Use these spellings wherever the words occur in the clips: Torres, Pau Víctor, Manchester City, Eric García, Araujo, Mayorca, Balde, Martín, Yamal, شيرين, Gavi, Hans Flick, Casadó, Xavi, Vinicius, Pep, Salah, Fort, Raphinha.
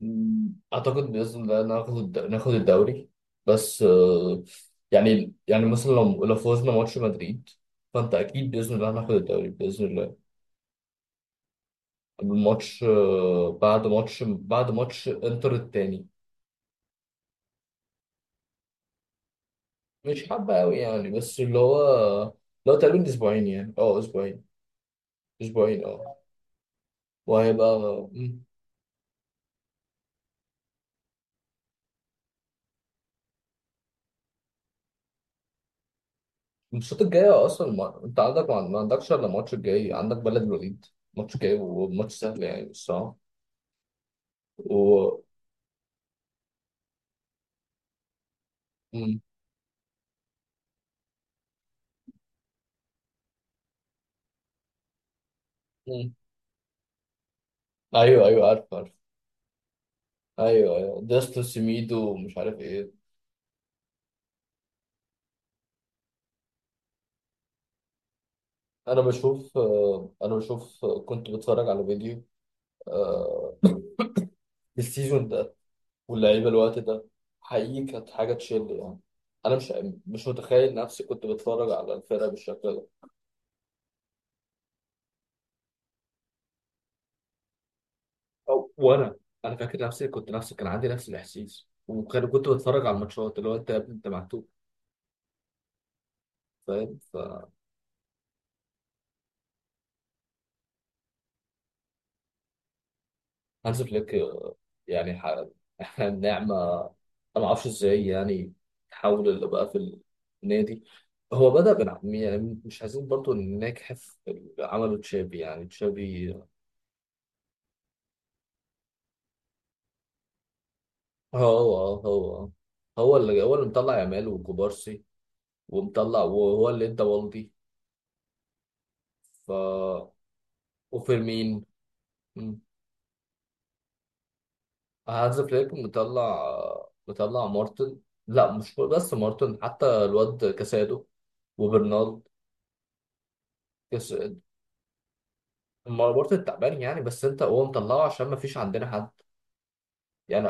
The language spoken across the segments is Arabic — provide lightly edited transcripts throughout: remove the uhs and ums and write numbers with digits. مم. اعتقد باذن الله ناخد الدوري. بس يعني مثلا لو فوزنا ماتش مدريد، فانت اكيد باذن الله هناخد الدوري باذن الله. الماتش بعد ماتش انتر التاني. مش حابه قوي يعني، بس اللي هو لو تقريبا اسبوعين، يعني اسبوعين وهيبقى. مم. الماتشات الجايه اصلا ما... انت عندك ما عندكش الا الماتش الجاي، عندك بلد الوليد. ماتش جاي وماتش سهل يعني الصراحه. و... مم. ايوه، ايوه، عارف عارف. ايوه، ايوه، ديستو سيميدو ومش عارف ايه. انا بشوف كنت بتفرج على فيديو. آه، السيزون ده واللعيبه الوقت ده، حقيقي كانت حاجه تشل يعني. انا مش متخيل نفسي كنت بتفرج على الفرقه بالشكل ده. أو وانا، انا فاكر نفسي كان عندي نفس الاحساس، كنت بتفرج على الماتشات، اللي هو انت يا ابني انت معتوه، فاهم. هانز فليك يعني احنا النعمة. انا ما اعرفش ازاي يعني تحول اللي بقى في النادي. هو بدأ يعني مش عايزين برضو نجحف في اللي عمله تشابي، يعني تشابي. هو هو هو اللي مطلع يامال وكوبارسي، ومطلع، وهو اللي ادى والدي. ف وفيرمين. مم. هانز فليك مطلع مارتن. لا، مش بس مارتن، حتى الواد كاسادو وبرنارد. كاس ما برضه التعبان يعني، بس انت هو مطلعه عشان ما فيش عندنا حد. يعني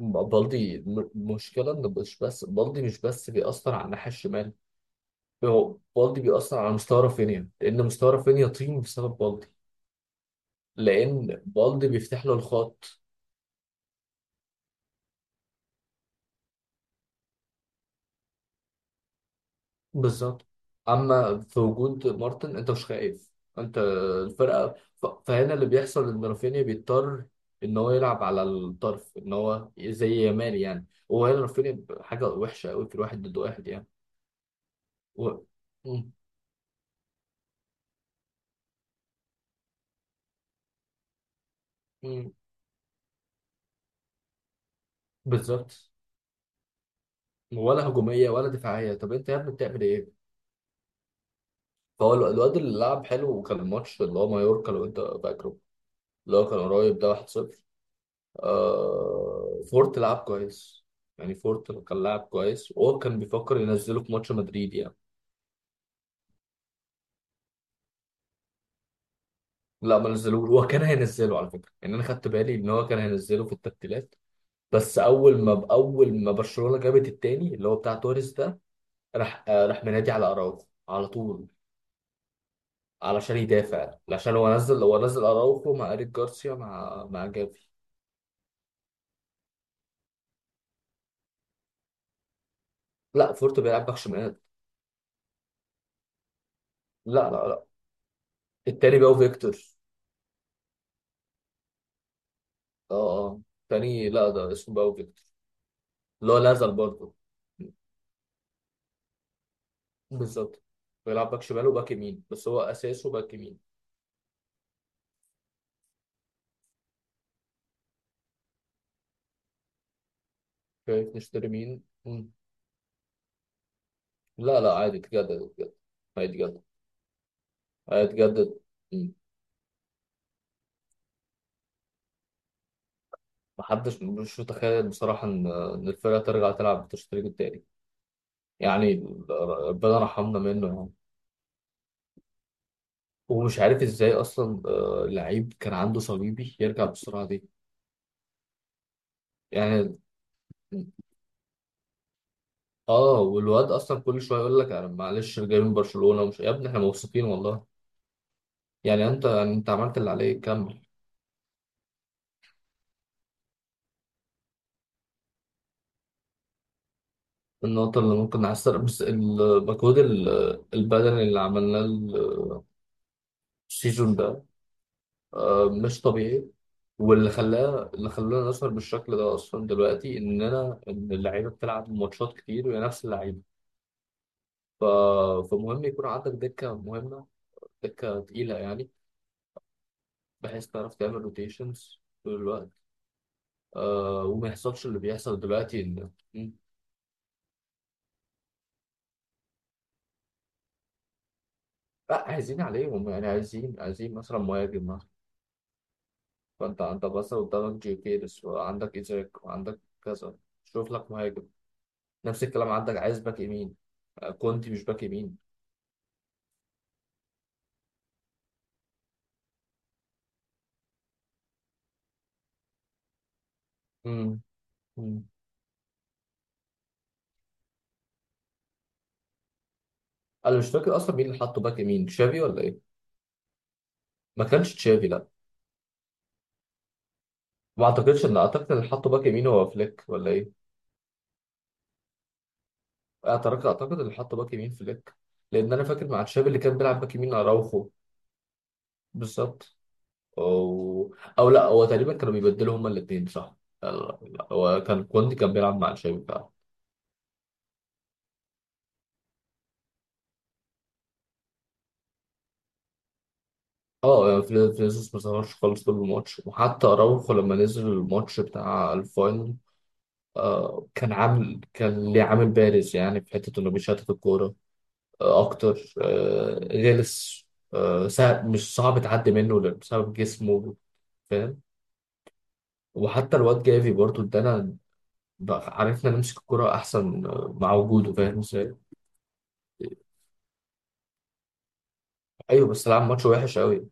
بالدي مشكلة ان مش بس بالدي، مش بس بيأثر على الناحية الشمال. هو بالدي بيأثر على مستوى رافينيا، لأن مستوى رافينيا طين بسبب بالدي، لأن بالدي بيفتح له الخط. بالظبط. أما في وجود مارتن أنت مش خايف. أنت الفرقة فهنا اللي بيحصل، إن رافينيا بيضطر إن هو يلعب على الطرف، إن هو زي يامال يعني، وهنا رافينيا حاجة وحشة أوي في الواحد ضد واحد يعني. و... مم. مم. بالظبط. ولا هجوميه ولا دفاعيه. طب انت يا ابني بتعمل ايه؟ فهو الواد اللي لعب حلو، وكان الماتش اللي هو مايوركا لو انت فاكره، اللي هو كان قريب ده 1-0. فورت لعب كويس يعني، فورت كان لاعب كويس، وهو كان بيفكر ينزله في ماتش مدريد يعني. لا، ما نزلوه. هو كان هينزله على فكره يعني، انا خدت بالي ان هو كان هينزله في التبديلات، بس اول ما برشلونه جابت التاني اللي هو بتاع توريس ده، راح منادي على اراوخو على طول، علشان يدافع، عشان هو نزل اراوخو مع ايريك جارسيا، مع جافي. لا، فورت بيلعب باك شمال. لا، لا، لا. التاني باو فيكتور. اه، اه. التاني لا، ده اسمه باو فيكتور. اللي هو نزل برضه. بالظبط، بيلعب باك شمال وباك يمين، بس هو اساسه باك يمين. شايف نشتري مين. مم. لا، لا، عادي اتجدد، اتجدد. هيتجدد. هيتجدد. مم. محدش مش متخيل بصراحة إن الفرقة ترجع تلعب بالتشتريك التاني يعني. ربنا رحمنا منه. ومش عارف ازاي اصلا، لعيب كان عنده صليبي يرجع بالسرعه دي يعني. اه والواد اصلا كل شويه يقول لك انا معلش جاي من برشلونه ومش، يا ابني احنا مبسوطين والله. يعني انت عملت اللي عليك كمل. النقطه اللي ممكن نحسن بس المجهود البدني اللي عملناه السيزون ده مش طبيعي. واللي خلاه اللي خلانا نظهر بالشكل ده اصلا دلوقتي، ان اللعيبه بتلعب ماتشات كتير وهي نفس اللعيبه. ف... فمهم يكون عندك دكه مهمه، دكة تقيلة يعني، بحيث تعرف تعمل روتيشنز طول الوقت. وما يحصلش اللي بيحصل دلوقتي إن. مم. لا، عايزين عليهم يعني، عايزين مثلا مهاجم مثلا. فأنت بس قدامك جي كيرس، وعندك إيزاك، وعندك كذا. شوف لك مهاجم. نفس الكلام، عندك عايز باك يمين. كونتي مش باك يمين. مم. مم. أنا مش فاكر أصلا مين اللي حطه باك يمين، تشافي ولا إيه؟ ما كانش تشافي، لا. ما أعتقدش إن أعتقد اللي حطه باك يمين هو فليك ولا إيه؟ اعترضت. اعتقد اللي حط باك يمين فليك، لان انا فاكر مع تشافي اللي كان بيلعب باك يمين اراوخو. بالظبط. او او لا، هو تقريبا كانوا بيبدلوا هما الاثنين، صح. لا، لا، هو كان كوندي كان بيلعب مع تشافي فعلا. اه يعني فينيسيوس ما ظهرش خالص طول الماتش، وحتى اراوخو لما نزل الماتش بتاع الفاينل، كان ليه عامل بارز يعني في حته انه بيشتت الكوره، اكتر، غلس، سهل مش صعب تعدي منه بسبب جسمه، فاهم. وحتى الواد جافي برضه ادانا. عرفنا نمسك الكرة احسن مع وجوده. فاهم ازاي؟ ايوه، بس لعب ماتش وحش قوي.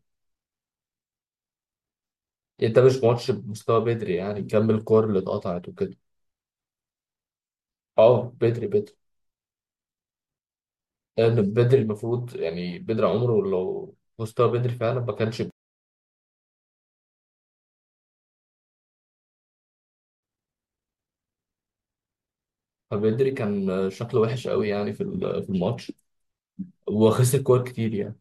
انت مش ماتش بمستوى بدري يعني، كمل الكور اللي اتقطعت وكده. اه بدري، بدري، لان بدري المفروض، يعني بدري عمره لو مستوى بدري فعلا ما كانش. فبدري كان شكله وحش قوي يعني، في الماتش، وخسر كور كتير يعني.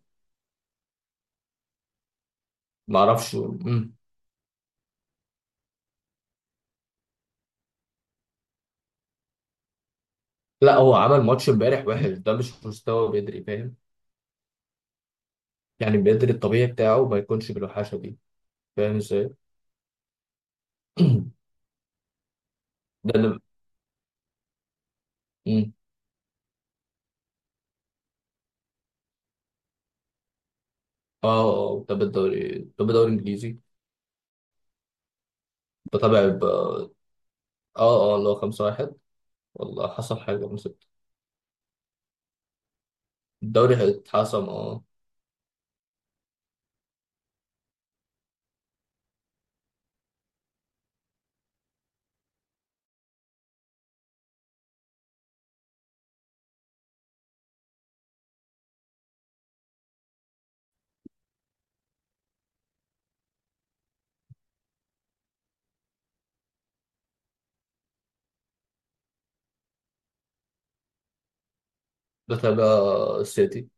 معرفش. مم. لا، هو عمل ماتش امبارح وحش. ده مش مستوى بدري فاهم. يعني بدري الطبيعي بتاعه ما يكونش بالوحشة دي. فاهم ازاي. ده اللي. مم. اه، اه، بتابع الدوري الانجليزي. بتابع اه، اه. اللي هو 5-1. والله حصل حاجة من ستة. الدوري هيتحسم اه. بتابع السيتي.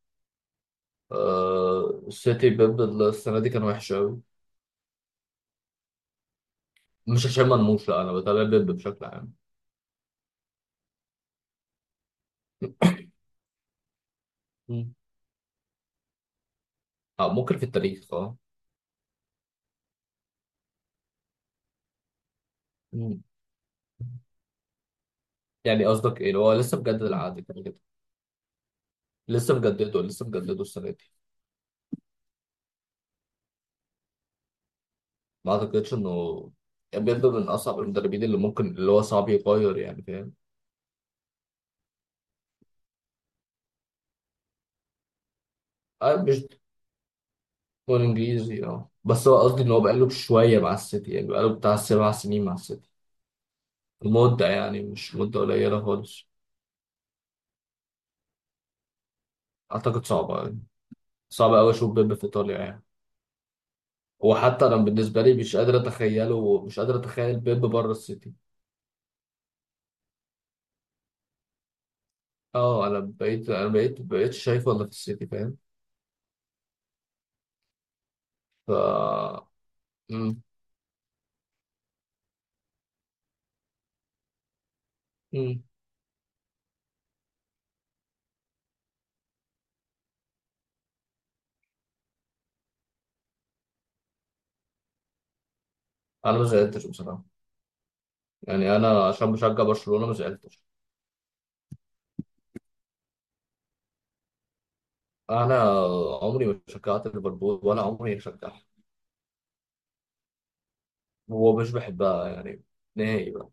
السيتي بيب السنة دي كان وحش أوي. مش عشان مرموش، لا، أنا بتابع بيب بشكل عام. مم. اه ممكن في التاريخ اه. مم. يعني قصدك ايه؟ هو لسه مجدد العقد كده كده. لسه مجدده، لسه مجدده السنه دي. ما اعتقدش انه، يعني بيبدو من اصعب المدربين، اللي هو صعب يغير يعني، فاهم. مش دكتور انجليزي. اه بس هو قصدي ان هو بقاله شويه مع السيتي، يعني بقاله بتاع 7 سنين مع السيتي. مده يعني، مش مده قليله خالص. اعتقد صعبه يعني، صعب قوي اشوف بيب في ايطاليا يعني. وحتى انا بالنسبه لي مش قادر اتخيل بيب بره السيتي. اه، انا بقيتش شايفه الا في السيتي، فاهم. ف مم. مم. انا ما زعلتش بصراحه، يعني انا عشان بشجع برشلونه ما زعلتش. انا عمري ما شجعت ليفربول، ولا عمري شجعت. هو مش بحبها يعني، نهائي بقى.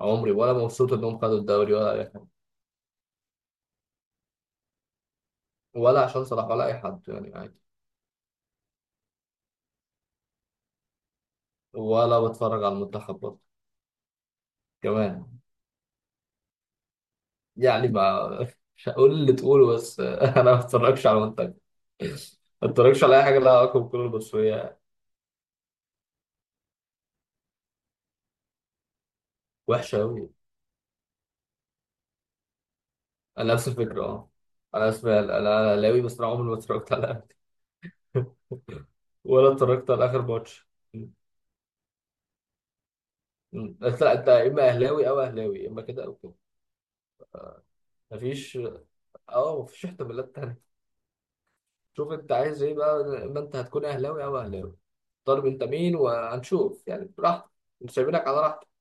عمري، ولا مبسوط انهم خدوا الدوري، ولا اي حاجه، ولا عشان صلاح، ولا اي حد يعني، عادي. ولا بتفرج على المنتخب برضه كمان. يعني ما مش هقول اللي تقوله بس، انا ما بتفرجش على المنتخب، ما بتفرجش على اي حاجه لها علاقه بالكوره المصريه. وحشه قوي. انا نفس الفكره اه. انا اهلاوي، بس انا عمري ما اتفرجت على الأهلي. ولا اتفرجت على اخر ماتش. م. م. انت يا اما اهلاوي او اهلاوي، يا اما كده او كده. مفيش. اه مفيش احتمالات تانية. شوف انت عايز ايه بقى، ما انت هتكون اهلاوي او اهلاوي. طالب انت مين وهنشوف يعني، براحتك. مش سايبينك على راحتك.